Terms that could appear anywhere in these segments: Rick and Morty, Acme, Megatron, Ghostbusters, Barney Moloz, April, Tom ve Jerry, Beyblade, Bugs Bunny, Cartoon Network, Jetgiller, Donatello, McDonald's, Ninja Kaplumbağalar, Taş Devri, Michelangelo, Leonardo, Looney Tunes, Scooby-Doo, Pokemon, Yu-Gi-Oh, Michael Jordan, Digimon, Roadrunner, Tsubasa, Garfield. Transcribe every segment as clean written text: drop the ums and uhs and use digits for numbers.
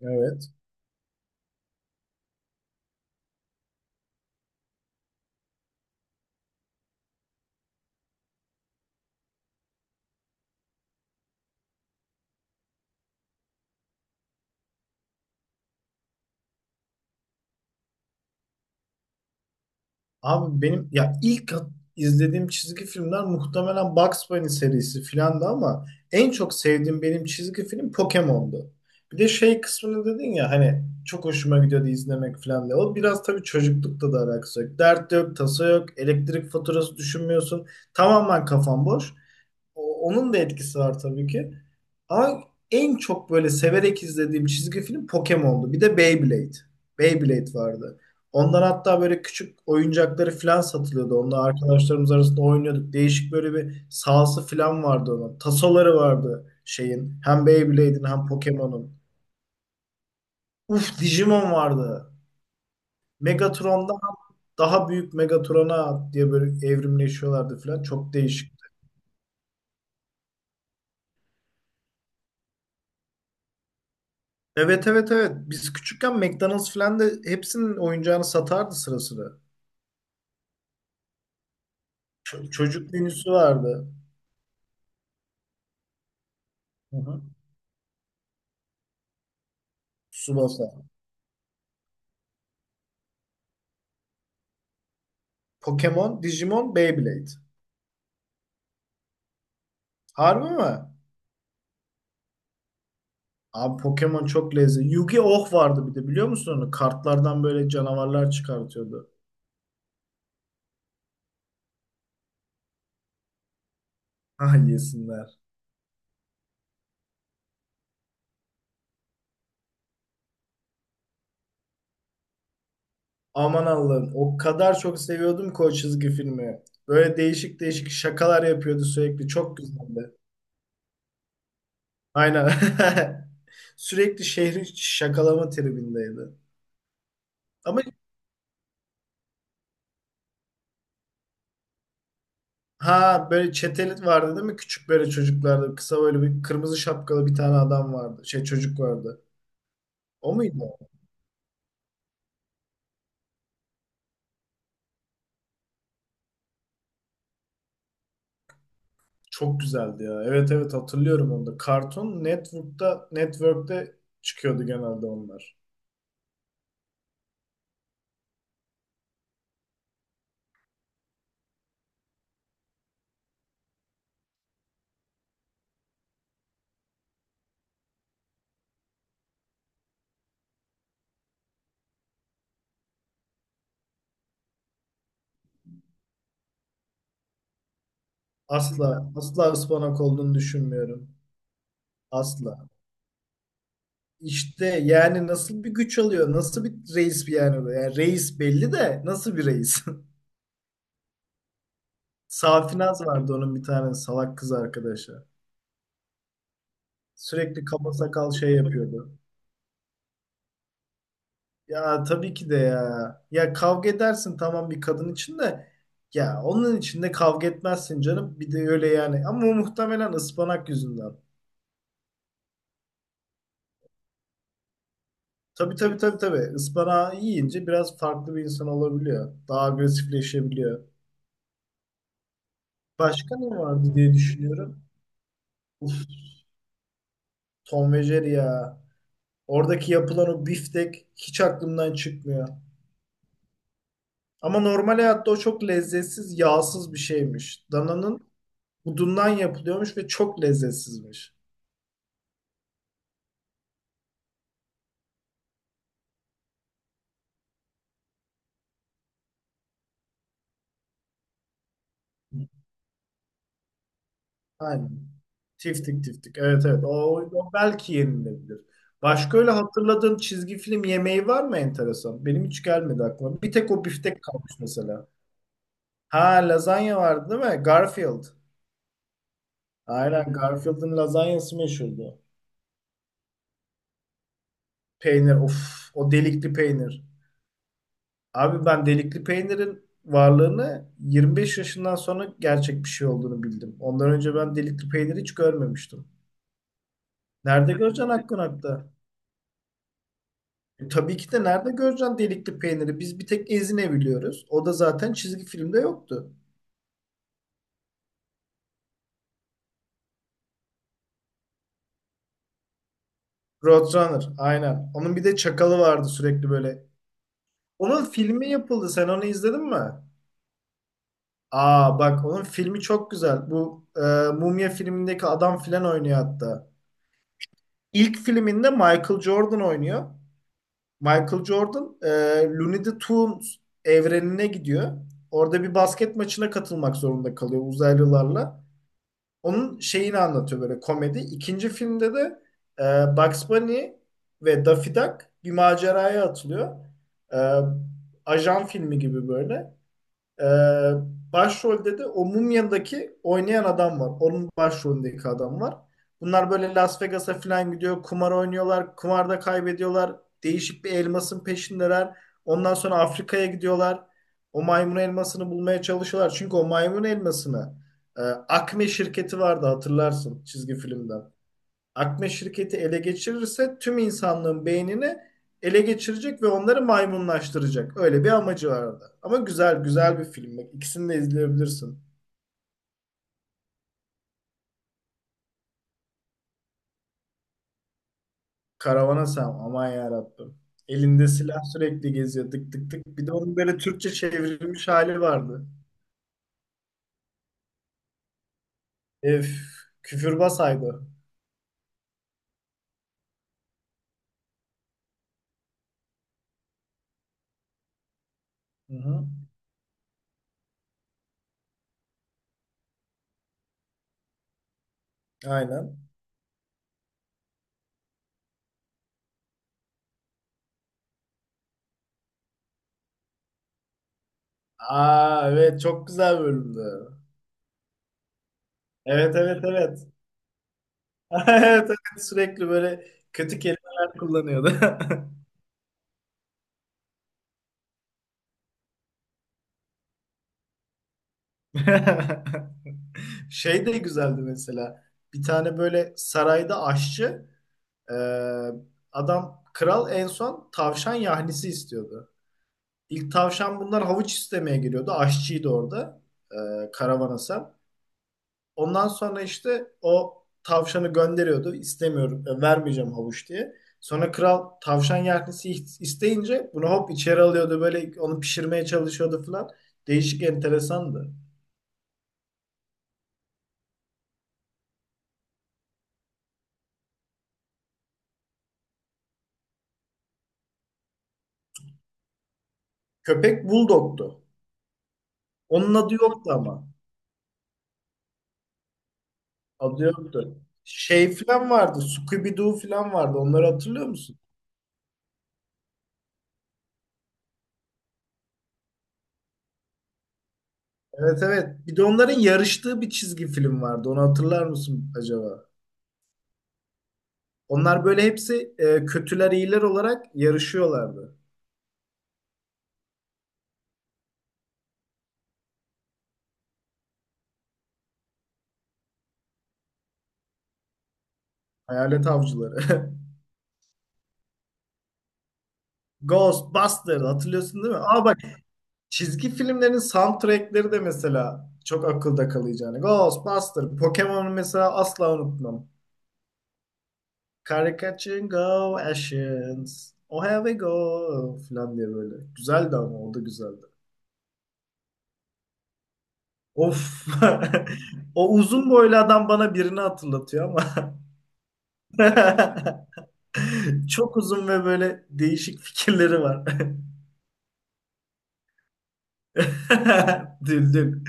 Evet. Abi benim ya ilk izlediğim çizgi filmler muhtemelen Bugs Bunny serisi filandı ama en çok sevdiğim benim çizgi film Pokemon'du. Bir de şey kısmını dedin ya hani çok hoşuma gidiyordu izlemek filan diye. O biraz tabii çocuklukta da alakası yok. Dert yok, tasa yok, elektrik faturası düşünmüyorsun. Tamamen kafan boş. Onun da etkisi var tabii ki. Ama en çok böyle severek izlediğim çizgi film Pokemon'du. Bir de Beyblade. Beyblade vardı. Ondan hatta böyle küçük oyuncakları falan satılıyordu. Onunla arkadaşlarımız arasında oynuyorduk. Değişik böyle bir sahası falan vardı onun. Tasoları vardı şeyin. Hem Beyblade'in hem Pokemon'un. Uf, Digimon vardı. Megatron'dan daha büyük Megatron'a diye böyle evrimleşiyorlardı falan. Çok değişik. Evet evet evet. Biz küçükken McDonald's falan da hepsinin oyuncağını satardı sıra sıra. Çocuk menüsü vardı. Hı hı. Tsubasa. Pokemon, Digimon, Beyblade. Harbi mi? Abi Pokemon çok lezzetli. Yu-Gi-Oh vardı bir de, biliyor musun onu? Kartlardan böyle canavarlar çıkartıyordu. Ah yesinler. Aman Allah'ım, o kadar çok seviyordum ki o çizgi filmi. Böyle değişik değişik şakalar yapıyordu sürekli. Çok güzeldi. Aynen. Sürekli şehri şakalama tribindeydi. Ama ha, böyle çeteli vardı değil mi? Küçük böyle çocuklarda, kısa böyle bir kırmızı şapkalı bir tane adam vardı. Şey çocuk vardı. O muydu? Çok güzeldi ya. Evet evet, hatırlıyorum onu da. Cartoon Network'ta, Network'te çıkıyordu genelde onlar. Asla asla ıspanak olduğunu düşünmüyorum. Asla. İşte yani nasıl bir güç alıyor? Nasıl bir reis bir yani, bu? Yani reis belli de nasıl bir reis? Safinaz vardı, onun bir tane salak kız arkadaşı. Sürekli kaba sakal şey yapıyordu. Ya tabii ki de ya. Ya kavga edersin tamam, bir kadın için de ya onun için de kavga etmezsin canım. Bir de öyle yani. Ama o muhtemelen ıspanak yüzünden. Tabii tabii tabii tabii. Ispanağı yiyince biraz farklı bir insan olabiliyor. Daha agresifleşebiliyor. Başka ne vardı diye düşünüyorum. Uf, Tom ve Jerry ya. Oradaki yapılan o biftek hiç aklımdan çıkmıyor. Ama normal hayatta o çok lezzetsiz, yağsız bir şeymiş. Dananın budundan yapılıyormuş ve çok lezzetsizmiş. Aynen. Tiftik tiftik. Evet evet. O, o belki yenilebilir. Başka öyle hatırladığın çizgi film yemeği var mı enteresan? Benim hiç gelmedi aklıma. Bir tek o biftek kalmış mesela. Ha, lazanya vardı değil mi? Garfield. Aynen, Garfield'ın lazanyası meşhurdu. Peynir, of, o delikli peynir. Abi ben delikli peynirin varlığını 25 yaşından sonra gerçek bir şey olduğunu bildim. Ondan önce ben delikli peyniri hiç görmemiştim. Nerede göreceksin hakkın hakta? Tabii ki de nerede göreceksin delikli peyniri? Biz bir tek Ezine biliyoruz. O da zaten çizgi filmde yoktu. Roadrunner aynen. Onun bir de çakalı vardı sürekli böyle. Onun filmi yapıldı. Sen onu izledin mi? Aa bak, onun filmi çok güzel. Bu Mumya filmindeki adam filan oynuyor hatta. İlk filminde Michael Jordan oynuyor. Michael Jordan Looney the Tunes evrenine gidiyor. Orada bir basket maçına katılmak zorunda kalıyor uzaylılarla. Onun şeyini anlatıyor böyle, komedi. İkinci filmde de Bugs Bunny ve Daffy Duck bir maceraya atılıyor. E, Ajan filmi gibi böyle. Ee, Başrolde de o Mumya'daki oynayan adam var. Onun başrolündeki adam var. Bunlar böyle Las Vegas'a falan gidiyor. Kumar oynuyorlar. Kumarda kaybediyorlar. Değişik bir elmasın peşindeler. Ondan sonra Afrika'ya gidiyorlar. O maymun elmasını bulmaya çalışıyorlar. Çünkü o maymun elmasını Acme şirketi vardı, hatırlarsın çizgi filmden. Akme şirketi ele geçirirse tüm insanlığın beynini ele geçirecek ve onları maymunlaştıracak. Öyle bir amacı vardı. Ama güzel güzel bir film. Bak, İkisini de izleyebilirsin. Karavana Sen, aman yarabbim. Elinde silah sürekli geziyor, tık tık tık. Bir de onun böyle Türkçe çevrilmiş hali vardı. Ef, Küfürbaz haydi. Hı hı. Aynen. Aa evet, çok güzel bölümdü. Evet evet evet. Evet evet, sürekli böyle kötü kelimeler kullanıyordu. Şey de güzeldi mesela. Bir tane böyle sarayda aşçı e, adam, kral en son tavşan yahnisi istiyordu. İlk tavşan, bunlar havuç istemeye geliyordu. Aşçıydı orada e, Karavana Sen. Ondan sonra işte o tavşanı gönderiyordu. İstemiyorum, vermeyeceğim havuç diye. Sonra kral tavşan yahnisi isteyince bunu hop içeri alıyordu. Böyle onu pişirmeye çalışıyordu falan. Değişik, enteresandı. Köpek bulldogtu. Onun adı yoktu ama. Adı yoktu. Şey falan vardı. Scooby-Doo falan vardı. Onları hatırlıyor musun? Evet evet. Bir de onların yarıştığı bir çizgi film vardı. Onu hatırlar mısın acaba? Onlar böyle hepsi kötüler iyiler olarak yarışıyorlardı. Hayalet avcıları. Ghostbusters, hatırlıyorsun değil mi? Aa bak, çizgi filmlerin soundtrackleri de mesela çok akılda kalıcı. Yani Ghostbusters, Pokemon'u mesela asla unutmam. Karikatür go Ashens. Oh here we go falan diye böyle. Güzeldi, ama o da güzeldi. Of. O uzun boylu adam bana birini hatırlatıyor ama. Çok uzun ve böyle değişik fikirleri var. Düldül.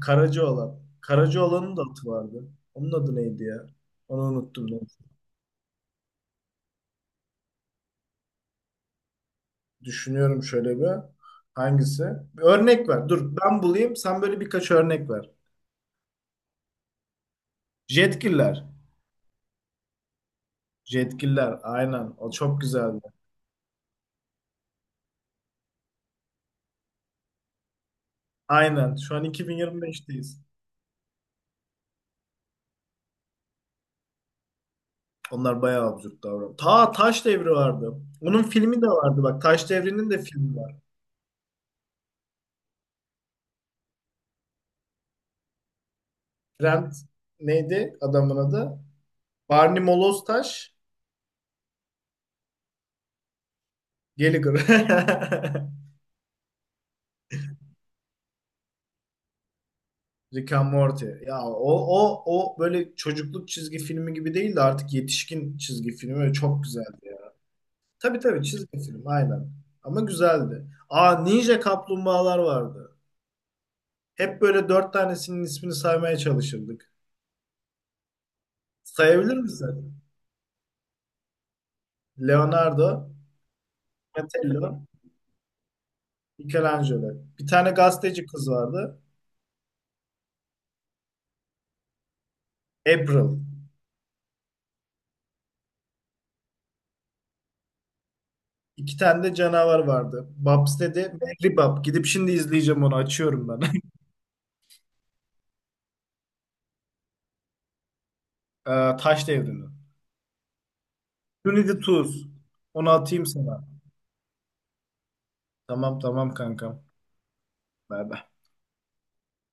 Karaca olan. Karaca olanın da atı vardı. Onun adı neydi ya? Onu unuttum ben. Düşünüyorum şöyle bir. Hangisi? Bir örnek ver. Dur ben bulayım. Sen böyle birkaç örnek ver. Jetgiller. Jetgiller aynen. O çok güzeldi. Aynen. Şu an 2025'teyiz. Onlar bayağı absürt davranıyor. Ta Taş Devri vardı. Onun filmi de vardı bak. Taş Devri'nin de filmi var. Trent, neydi adamın adı? Barney Moloz Taş Gallagher. Rick and Morty. Ya o o böyle çocukluk çizgi filmi gibi değil de artık yetişkin çizgi filmi, ve çok güzeldi ya. Tabii tabii, çizgi film aynen. Ama güzeldi. Aa, Ninja Kaplumbağalar vardı. Hep böyle dört tanesinin ismini saymaya çalışırdık. Sayabilir misin? Leonardo, Donatello, Michelangelo. Bir tane gazeteci kız vardı. April. İki tane de canavar vardı. Babs dedi. Mehribab. Gidip şimdi izleyeceğim onu. Açıyorum ben. Taş Devri'ni. Tools. Onu atayım sana. Tamam tamam kankam. Bye bye.